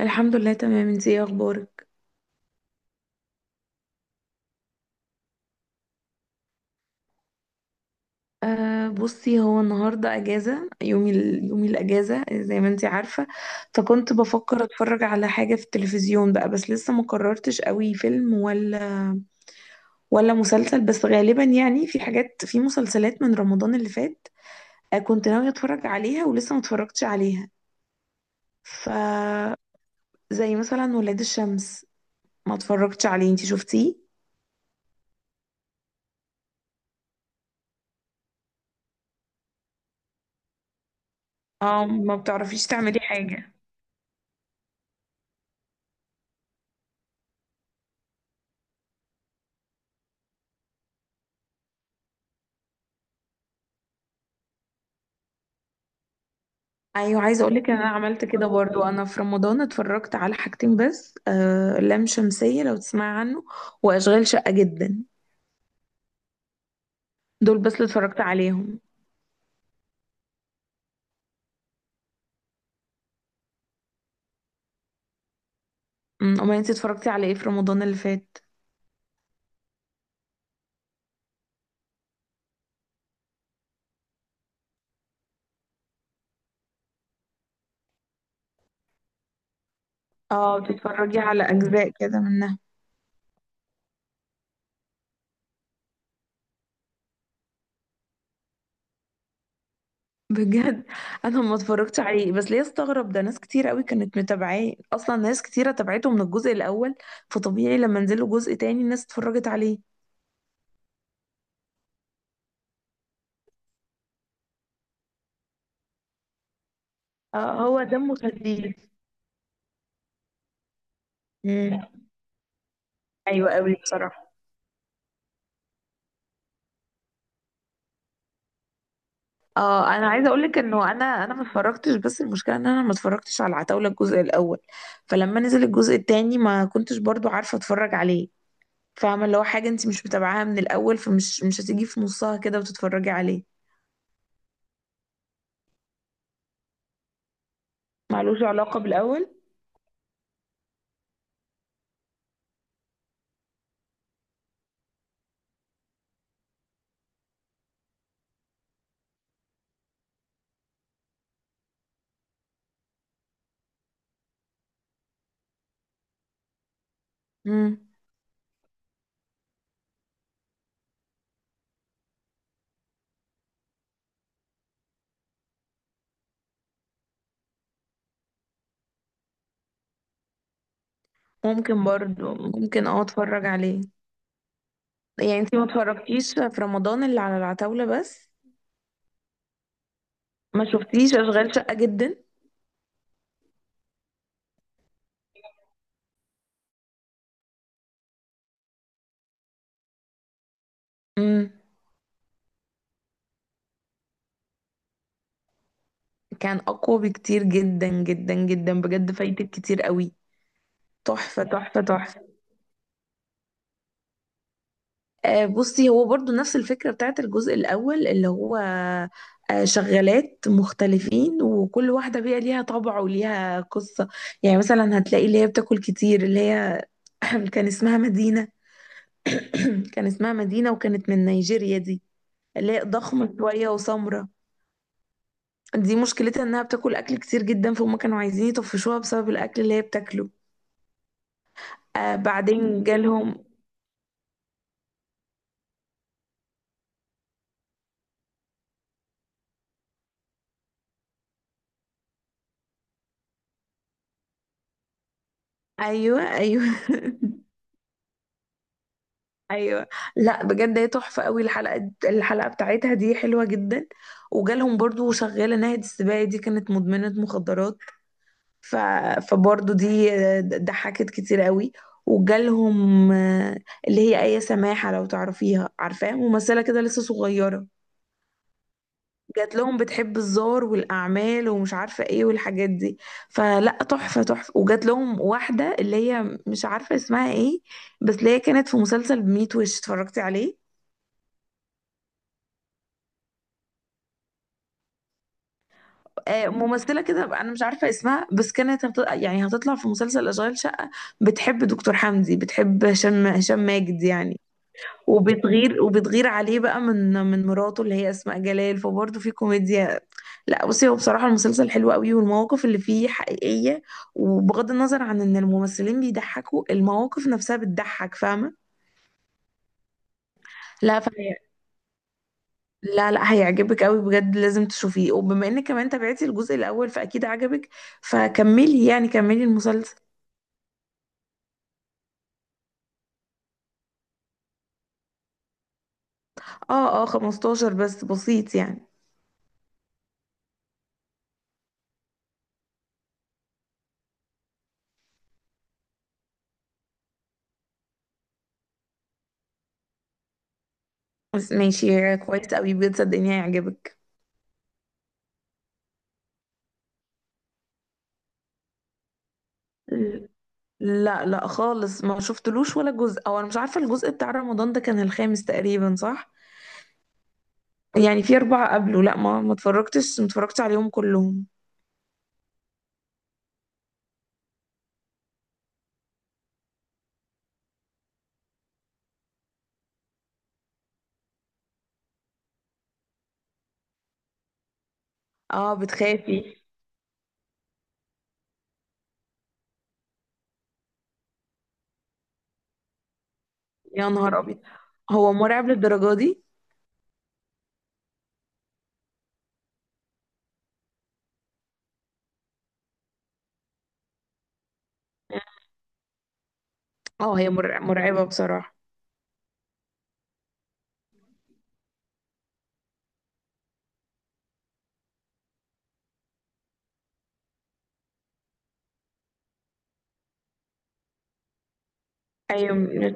الحمد لله تمام. انتي ايه اخبارك؟ أه بصي، هو النهارده اجازه. يومي الاجازه زي ما انتي عارفه. فكنت بفكر اتفرج على حاجه في التلفزيون بقى، بس لسه ما قررتش قوي، فيلم ولا مسلسل. بس غالبا يعني في حاجات، في مسلسلات من رمضان اللي فات أه كنت ناويه اتفرج عليها ولسه ما اتفرجتش عليها. ف زي مثلا ولاد الشمس، ما اتفرجتش عليه، انتي شفتيه؟ اه، ما بتعرفيش تعملي حاجه. ايوه، عايزه اقولك ان انا عملت كده برضو، انا في رمضان اتفرجت على حاجتين بس، لام شمسيه، لو تسمعي عنه، واشغال شقه جدا. دول بس اللي اتفرجت عليهم. امال انت اتفرجتي على ايه في رمضان اللي فات؟ اه، بتتفرجي على اجزاء كده منها. بجد؟ انا ما اتفرجتش عليه، بس ليه استغرب ده؟ ناس كتير قوي كانت متابعاه، اصلا ناس كتيره تابعته من الجزء الاول، فطبيعي لما نزلوا جزء تاني الناس اتفرجت عليه. آه، هو دمه خفيف. أمم، ايوه قوي بصراحه. اه، انا عايزه اقول لك انه انا ما اتفرجتش، بس المشكله ان انا ما اتفرجتش على العتاوله الجزء الاول، فلما نزل الجزء التاني ما كنتش برضو عارفه اتفرج عليه. فاهمه؟ اللي هو حاجه انت مش متابعاها من الاول، فمش مش هتيجي في نصها كده وتتفرجي عليه. معلوش علاقه بالاول. امم، ممكن برضو، ممكن اه اتفرج عليه. يعني انت ما اتفرجتيش في رمضان اللي على العتاوله بس؟ ما شفتيش اشغال شقه جدا؟ امم. كان اقوى بكتير، جدا جدا جدا بجد، فايتك كتير قوي. تحفه تحفه تحفه. بصي، هو برضو نفس الفكرة بتاعت الجزء الأول، اللي هو آه، شغالات مختلفين، وكل واحدة بقى ليها طبع وليها قصة. يعني مثلا هتلاقي اللي هي بتاكل كتير، اللي هي كان اسمها مدينة، كان اسمها مدينة، وكانت من نيجيريا دي، اللي هي ضخمة شوية وسمرة. دي مشكلتها انها بتاكل اكل كتير جدا، فهم كانوا عايزين يطفشوها بسبب الاكل اللي هي بتاكله. آه، بعدين جالهم، ايوه ايوه. ايوه. لا بجد هي تحفه قوي، الحلقه الحلقه بتاعتها دي حلوه جدا. وجالهم برضو شغاله ناهد السباعي، دي كانت مدمنه مخدرات. ف... فبرضو دي ضحكت كتير قوي. وجالهم آه، اللي هي آية سماحة، لو تعرفيها، عارفاها، ممثلة كده لسه صغيرة. جات لهم بتحب الزار والأعمال ومش عارفة ايه والحاجات دي. فلا، تحفة تحفة. وجات لهم واحدة اللي هي مش عارفة اسمها ايه، بس اللي هي كانت في مسلسل بميت وش، اتفرجتي عليه؟ آه، ممثلة كده بقى، أنا مش عارفة اسمها، يعني هتطلع في مسلسل أشغال شقة. بتحب دكتور حمدي، بتحب هشام ماجد يعني. وبتغير، وبتغير عليه بقى من مراته اللي هي أسماء جلال، فبرضه في كوميديا. لا بصي، هو بصراحة المسلسل حلو قوي، والمواقف اللي فيه حقيقية. وبغض النظر عن إن الممثلين بيضحكوا، المواقف نفسها بتضحك، فاهمة؟ لا فهي، لا لا، هيعجبك قوي بجد، لازم تشوفيه. وبما انك كمان تابعتي الجزء الاول فاكيد عجبك، فكملي، يعني كملي المسلسل. اه اه، 15 بس، بسيط يعني. بس ماشي، كويس قوي بجد، صدقني هيعجبك. ل- لا لا خالص، ما شفتلوش ولا جزء، او انا مش عارفه، الجزء بتاع رمضان ده كان الخامس تقريبا، صح؟ يعني في اربعه قبله. لا، ما اتفرجتش، ما اتفرجتش عليهم كلهم. اه، بتخافي؟ يا نهار ابيض، هو مرعب للدرجه دي؟ اه، مرعبه بصراحه. ايوه، مش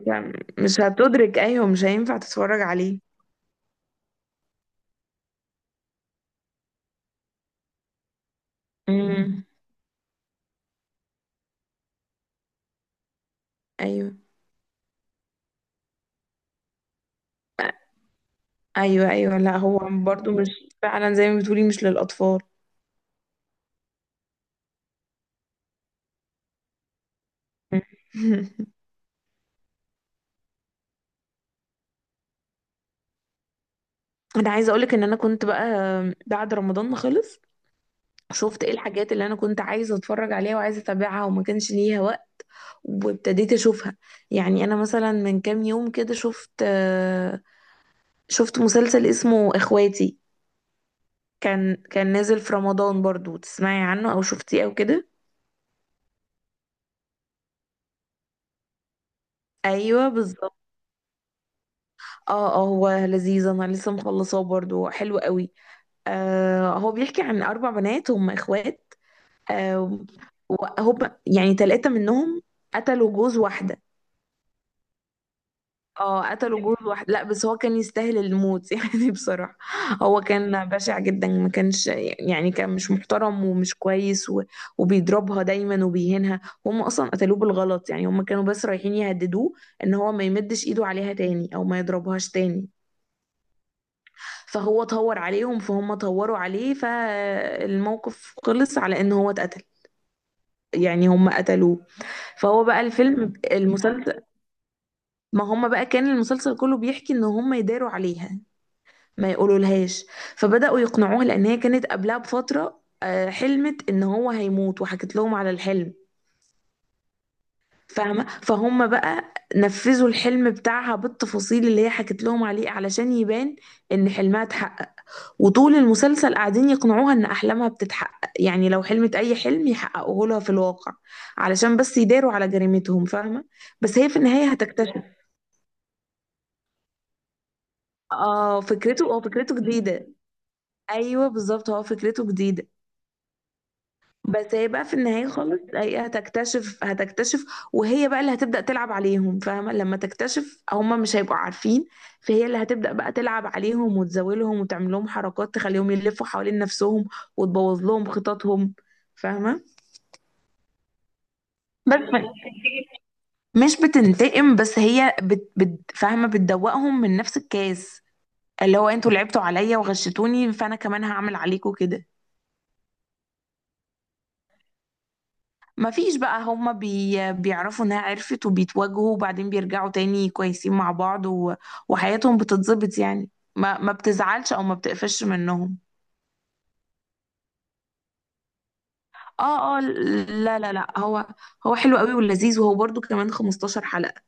مش هتدرك، ايوه مش هينفع تتفرج عليه. امم. ايوه ايوه. ايوه لا، هو برضو، مش فعلا، زي ما بتقولي، مش للاطفال. انا عايزه اقولك ان انا كنت بقى بعد رمضان ما خلص شفت ايه الحاجات اللي انا كنت عايزه اتفرج عليها وعايزه اتابعها وما كانش ليها وقت، وابتديت اشوفها. يعني انا مثلا من كام يوم كده شفت مسلسل اسمه اخواتي، كان نازل في رمضان برضو، تسمعي عنه او شفتيه او كده؟ ايوه بالظبط. اه اه، هو لذيذ، انا لسه مخلصاه، برضو حلو قوي. آه هو بيحكي عن أربع بنات هم إخوات. آه، وهم يعني تلاتة منهم قتلوا جوز واحدة. اه، قتلوا جوز واحدة، لا بس هو كان يستاهل الموت يعني بصراحة. هو كان بشع جدا، ما كانش، يعني كان مش محترم ومش كويس و... وبيضربها دايما وبيهينها. هم أصلا قتلوه بالغلط، يعني هم كانوا بس رايحين يهددوه إن هو ما يمدش إيده عليها تاني أو ما يضربهاش تاني. فهو طور عليهم فهم طوروا عليه، فالموقف خلص على ان هو اتقتل، يعني هم قتلوه. فهو بقى الفيلم المسلسل، ما هم بقى كان المسلسل كله بيحكي ان هم يداروا عليها ما يقولوا لهاش. فبدأوا يقنعوها، لان هي كانت قبلها بفترة حلمت ان هو هيموت وحكت لهم على الحلم، فاهمة؟ فهم بقى نفذوا الحلم بتاعها بالتفاصيل اللي هي حكت لهم عليه علشان يبان ان حلمها اتحقق. وطول المسلسل قاعدين يقنعوها ان احلامها بتتحقق، يعني لو حلمت اي حلم يحققوه لها في الواقع، علشان بس يداروا على جريمتهم، فاهمه. بس هي في النهايه هتكتشف. اه فكرته، هو فكرته جديده. ايوه بالظبط، هو فكرته جديده. بس هي بقى في النهايه خالص هي هتكتشف، هتكتشف. وهي بقى اللي هتبدا تلعب عليهم، فاهمه؟ لما تكتشف هم مش هيبقوا عارفين، فهي اللي هتبدا بقى تلعب عليهم وتزاولهم وتعمل لهم حركات تخليهم يلفوا حوالين نفسهم وتبوظ لهم خططهم، فاهمه؟ بس مش بتنتقم بس، هي بت فاهمه، بتدوقهم من نفس الكاس، اللي هو انتوا لعبتوا عليا وغشتوني، فانا كمان هعمل عليكم كده. مفيش بقى، هما بيعرفوا انها عرفت وبيتواجهوا، وبعدين بيرجعوا تاني كويسين مع بعض و... وحياتهم بتتظبط يعني، ما بتزعلش او ما بتقفش منهم. اه اه لا لا لا، هو هو حلو قوي ولذيذ، وهو برضو كمان 15 حلقة.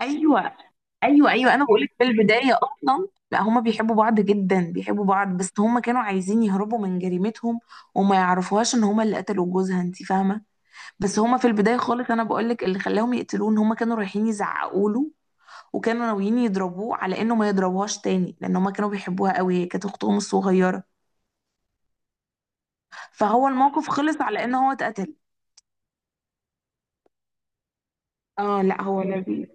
ايوه ايوه. ايوه انا بقولك، في البدايه اصلا لا، هما بيحبوا بعض جدا، بيحبوا بعض، بس هما كانوا عايزين يهربوا من جريمتهم وما يعرفوهاش ان هما اللي قتلوا جوزها، انت فاهمه؟ بس هما في البدايه خالص، انا بقولك اللي خلاهم يقتلوه، ان هما كانوا رايحين يزعقوا له، وكانوا ناويين يضربوه على انه ما يضربوهاش تاني، لان هما كانوا بيحبوها قوي، هي كانت اختهم الصغيره. فهو الموقف خلص على ان هو اتقتل. اه لا هو لذيذ.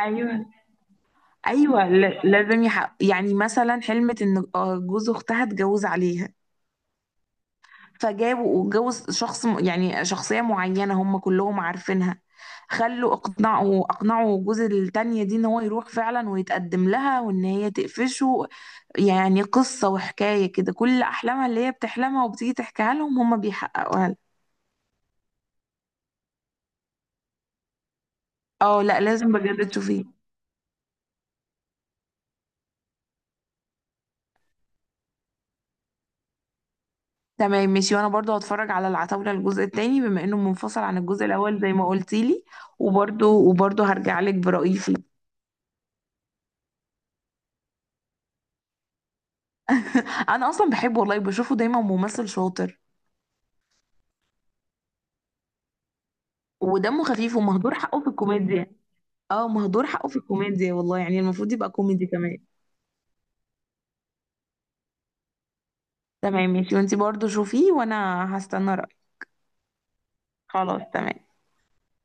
ايوه ايوه. لازم يحق، يعني مثلا حلمت ان جوز اختها اتجوز عليها. فجابوا واتجوز يعني شخصية معينة هم كلهم عارفينها، خلوا، اقنعوا جوز التانية دي ان هو يروح فعلا ويتقدم لها وان هي تقفشه. يعني قصة وحكاية كده، كل احلامها اللي هي بتحلمها وبتيجي تحكيها لهم هم بيحققوها لها. اه، لا لازم بجد تشوفيه. تمام ماشي، وانا برضو هتفرج على العتاولة الجزء التاني، بما انه منفصل عن الجزء الاول زي ما قلتي لي. وبرضو هرجع لك برأيي فيه. انا اصلا بحبه والله، بشوفه دايما، ممثل شاطر ودمه خفيف ومهدور حقه في الكوميديا. اه، مهدور حقه في الكوميديا والله، يعني المفروض يبقى كوميدي كمان. تمام ماشي، وانتي برضو شوفيه، وانا هستنى رأيك. خلاص تمام.